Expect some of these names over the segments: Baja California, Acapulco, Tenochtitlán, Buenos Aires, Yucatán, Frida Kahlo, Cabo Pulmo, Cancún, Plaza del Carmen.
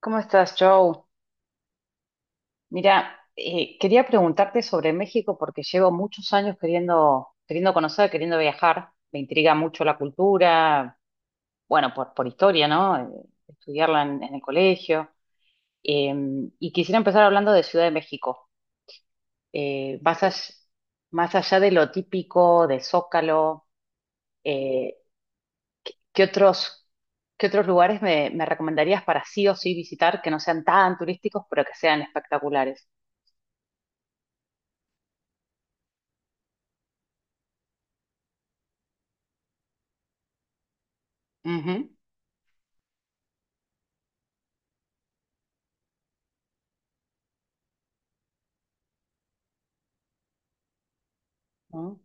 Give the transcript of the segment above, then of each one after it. ¿Cómo estás, Joe? Mira, quería preguntarte sobre México porque llevo muchos años queriendo conocer, queriendo viajar. Me intriga mucho la cultura, bueno, por historia, ¿no? Estudiarla en el colegio. Eh, y quisiera empezar hablando de Ciudad de México. Eh, más, all- más allá de lo típico, de Zócalo, eh, ¿qué otros, qué otros lugares me recomendarías para sí o sí visitar que no sean tan turísticos, pero que sean espectaculares? Ujú.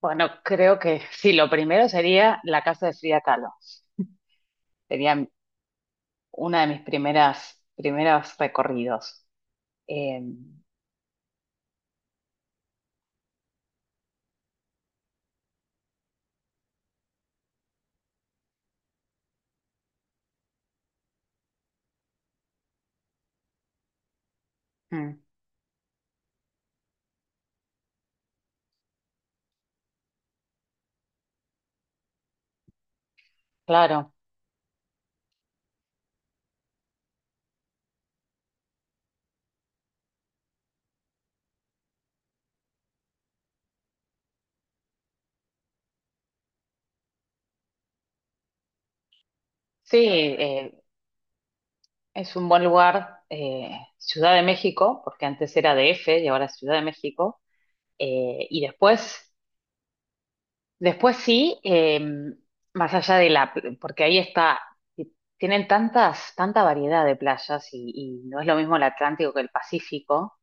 Bueno, creo que sí, lo primero sería la casa de Frida Kahlo. Sería una de mis primeros recorridos. Eh, mm, claro, sí, es un buen lugar, Ciudad de México, porque antes era DF y ahora es Ciudad de México. Y después sí, más allá de la, porque ahí está, tienen tanta variedad de playas y no es lo mismo el Atlántico que el Pacífico.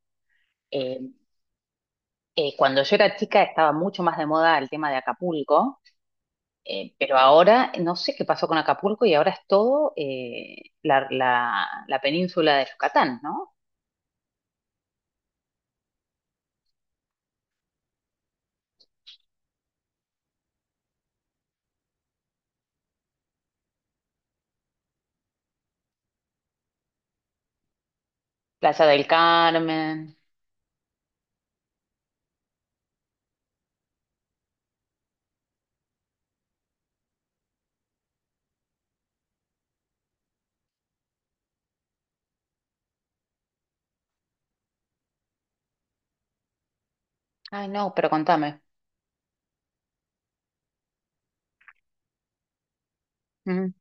Em, cuando yo era chica estaba mucho más de moda el tema de Acapulco, pero ahora no sé qué pasó con Acapulco y ahora es todo la península de Yucatán, ¿no? Plaza del Carmen. Ay, no, pero contame. Ujú.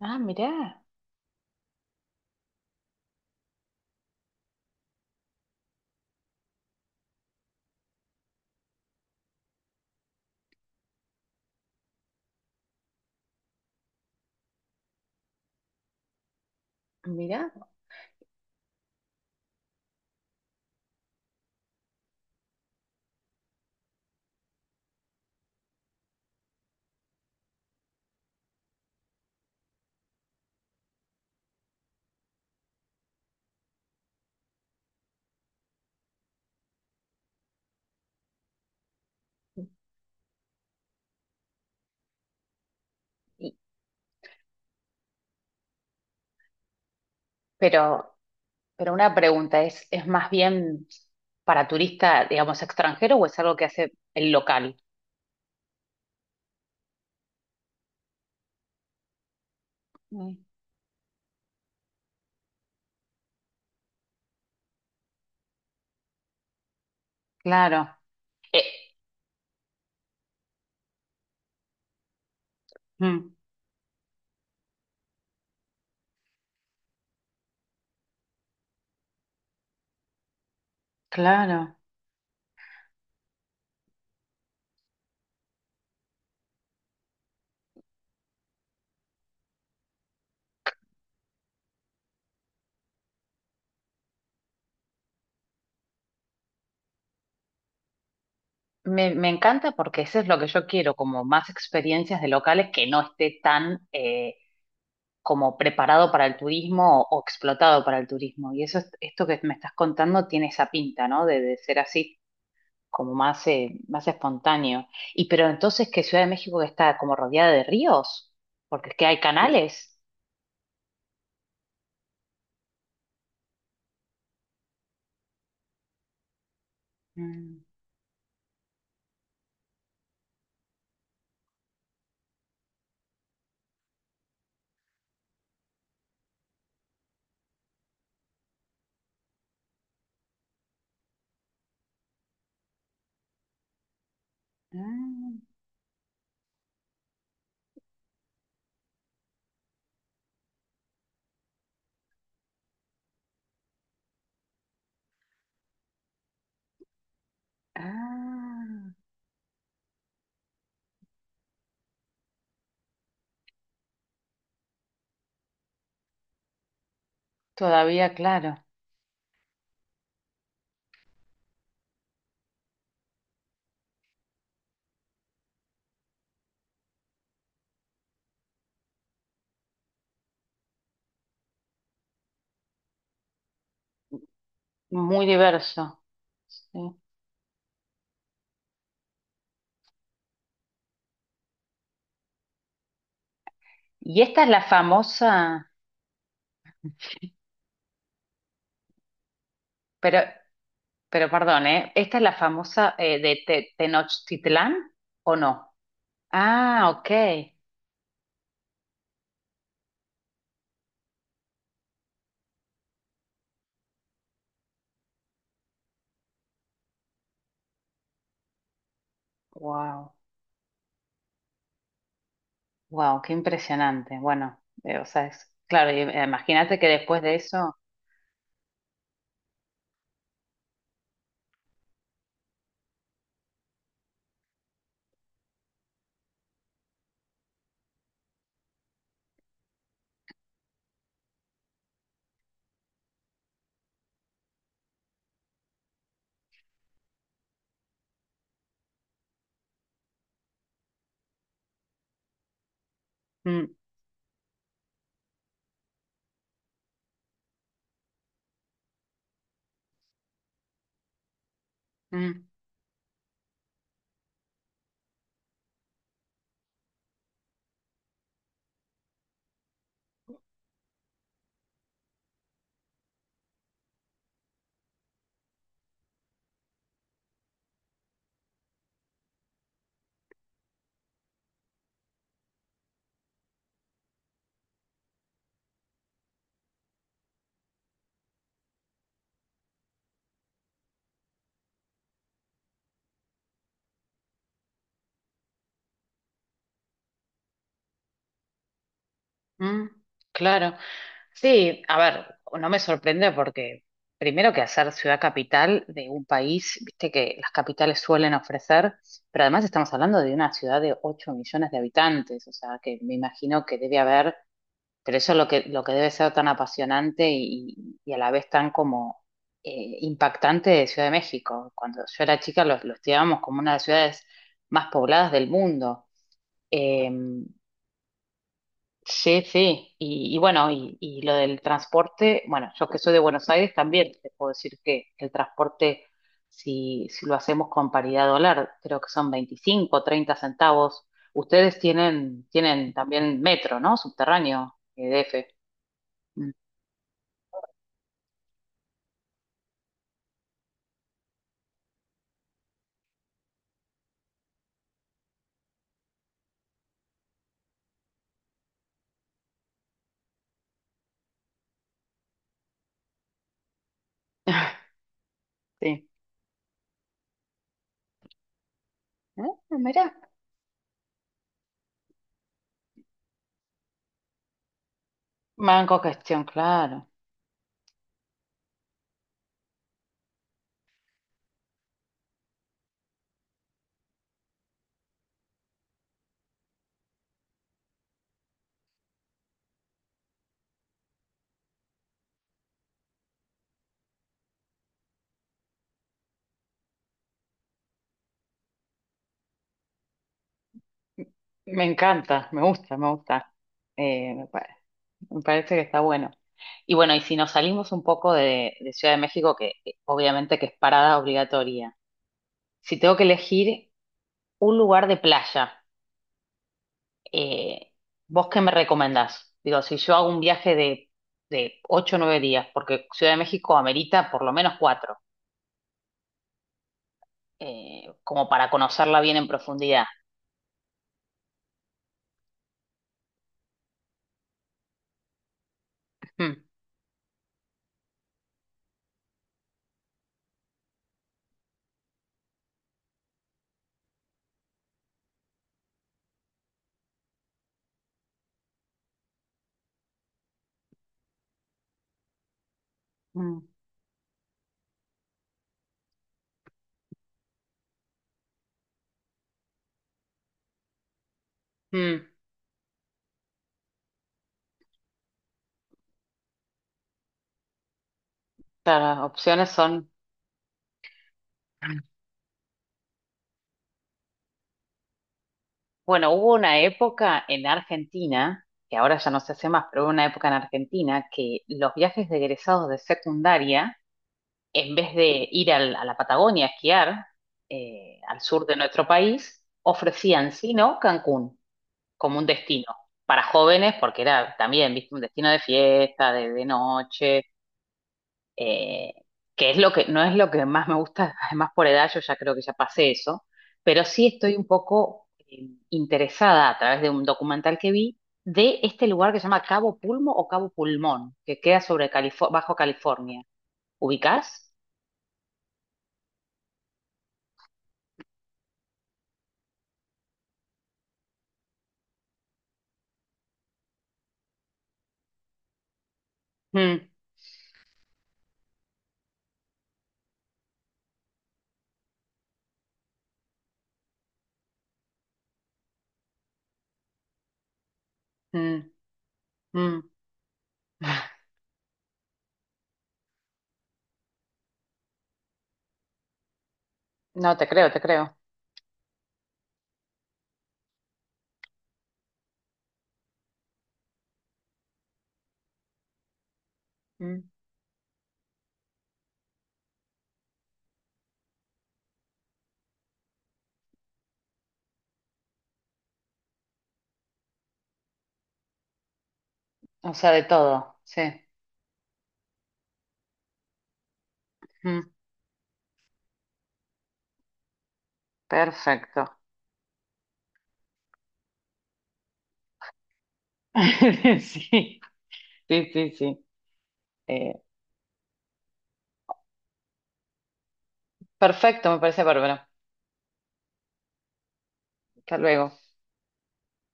Ah, mirá, mirá. Y- pero, pero una pregunta, ¿es más bien para turista, digamos, extranjero o es algo que hace el local? Mm, claro. Eh, mm, claro. Me encanta porque eso es lo que yo quiero, como más experiencias de locales que no esté tan como preparado para el turismo o explotado para el turismo. Y eso, esto que me estás contando tiene esa pinta, ¿no? De ser así, como más espontáneo. Y pero entonces, ¿que Ciudad de México está como rodeada de ríos? Porque es que hay, sí, canales. Mm, ah, ah, todavía, claro. Muy diverso. Sí. Y esta es la famosa, pero Pero perdón, ¿eh? ¿Esta es la famosa de Tenochtitlán o no? Ah, ok. Wow, wow, qué impresionante. Bueno, o sea, es claro, imagínate que después de eso. Mm, mm, mm, claro. Sí, a ver, no me sorprende porque primero que hacer ciudad capital de un país, viste que las capitales suelen ofrecer, pero además estamos hablando de una ciudad de 8 millones de habitantes, o sea, que me imagino que debe haber. Pero eso es lo que debe ser tan apasionante y a la vez tan como impactante de Ciudad de México. Cuando yo era chica lo estudiábamos como una de las ciudades más pobladas del mundo. Eh, sí, sí. Y bueno, y lo del transporte, bueno, yo que soy de Buenos Aires también te puedo decir que el transporte, si lo hacemos con paridad dólar, creo que son 25 30 centavos. Ustedes tienen también metro, ¿no? Subterráneo, EDF. Mm. Sí. Ah, mira, manco gestión, claro. Me encanta, me gusta, me gusta. Eh, me, pa- me parece que está bueno. Y bueno, y si nos salimos un poco de Ciudad de México, que obviamente que es parada obligatoria, si tengo que elegir un lugar de playa, eh, ¿vos qué me recomendás? Digo, si yo hago un viaje de 8 o 9 días, porque Ciudad de México amerita por lo menos 4, como para conocerla bien en profundidad. Mm, mm, mm. Claro, las opciones son, bueno, hubo una época en Argentina, que ahora ya no se hace más, pero hubo una época en Argentina que los viajes de egresados de secundaria, en vez de ir a la Patagonia a esquiar, al sur de nuestro país, ofrecían, si no, Cancún como un destino para jóvenes, porque era también, viste, un destino de fiesta, de noche, eh, que es lo que, no es lo que más me gusta, además por edad yo ya creo que ya pasé eso, pero sí estoy un poco interesada a través de un documental que vi de este lugar que se llama Cabo Pulmo o Cabo Pulmón, que queda sobre Bajo California. ¿Ubicás? Mm, mm, mm. No, te creo, te creo. Mm. O sea, de todo, sí. Mm, perfecto. Sí, sí, sí, sí. Eh, perfecto, me parece bárbaro. Hasta luego.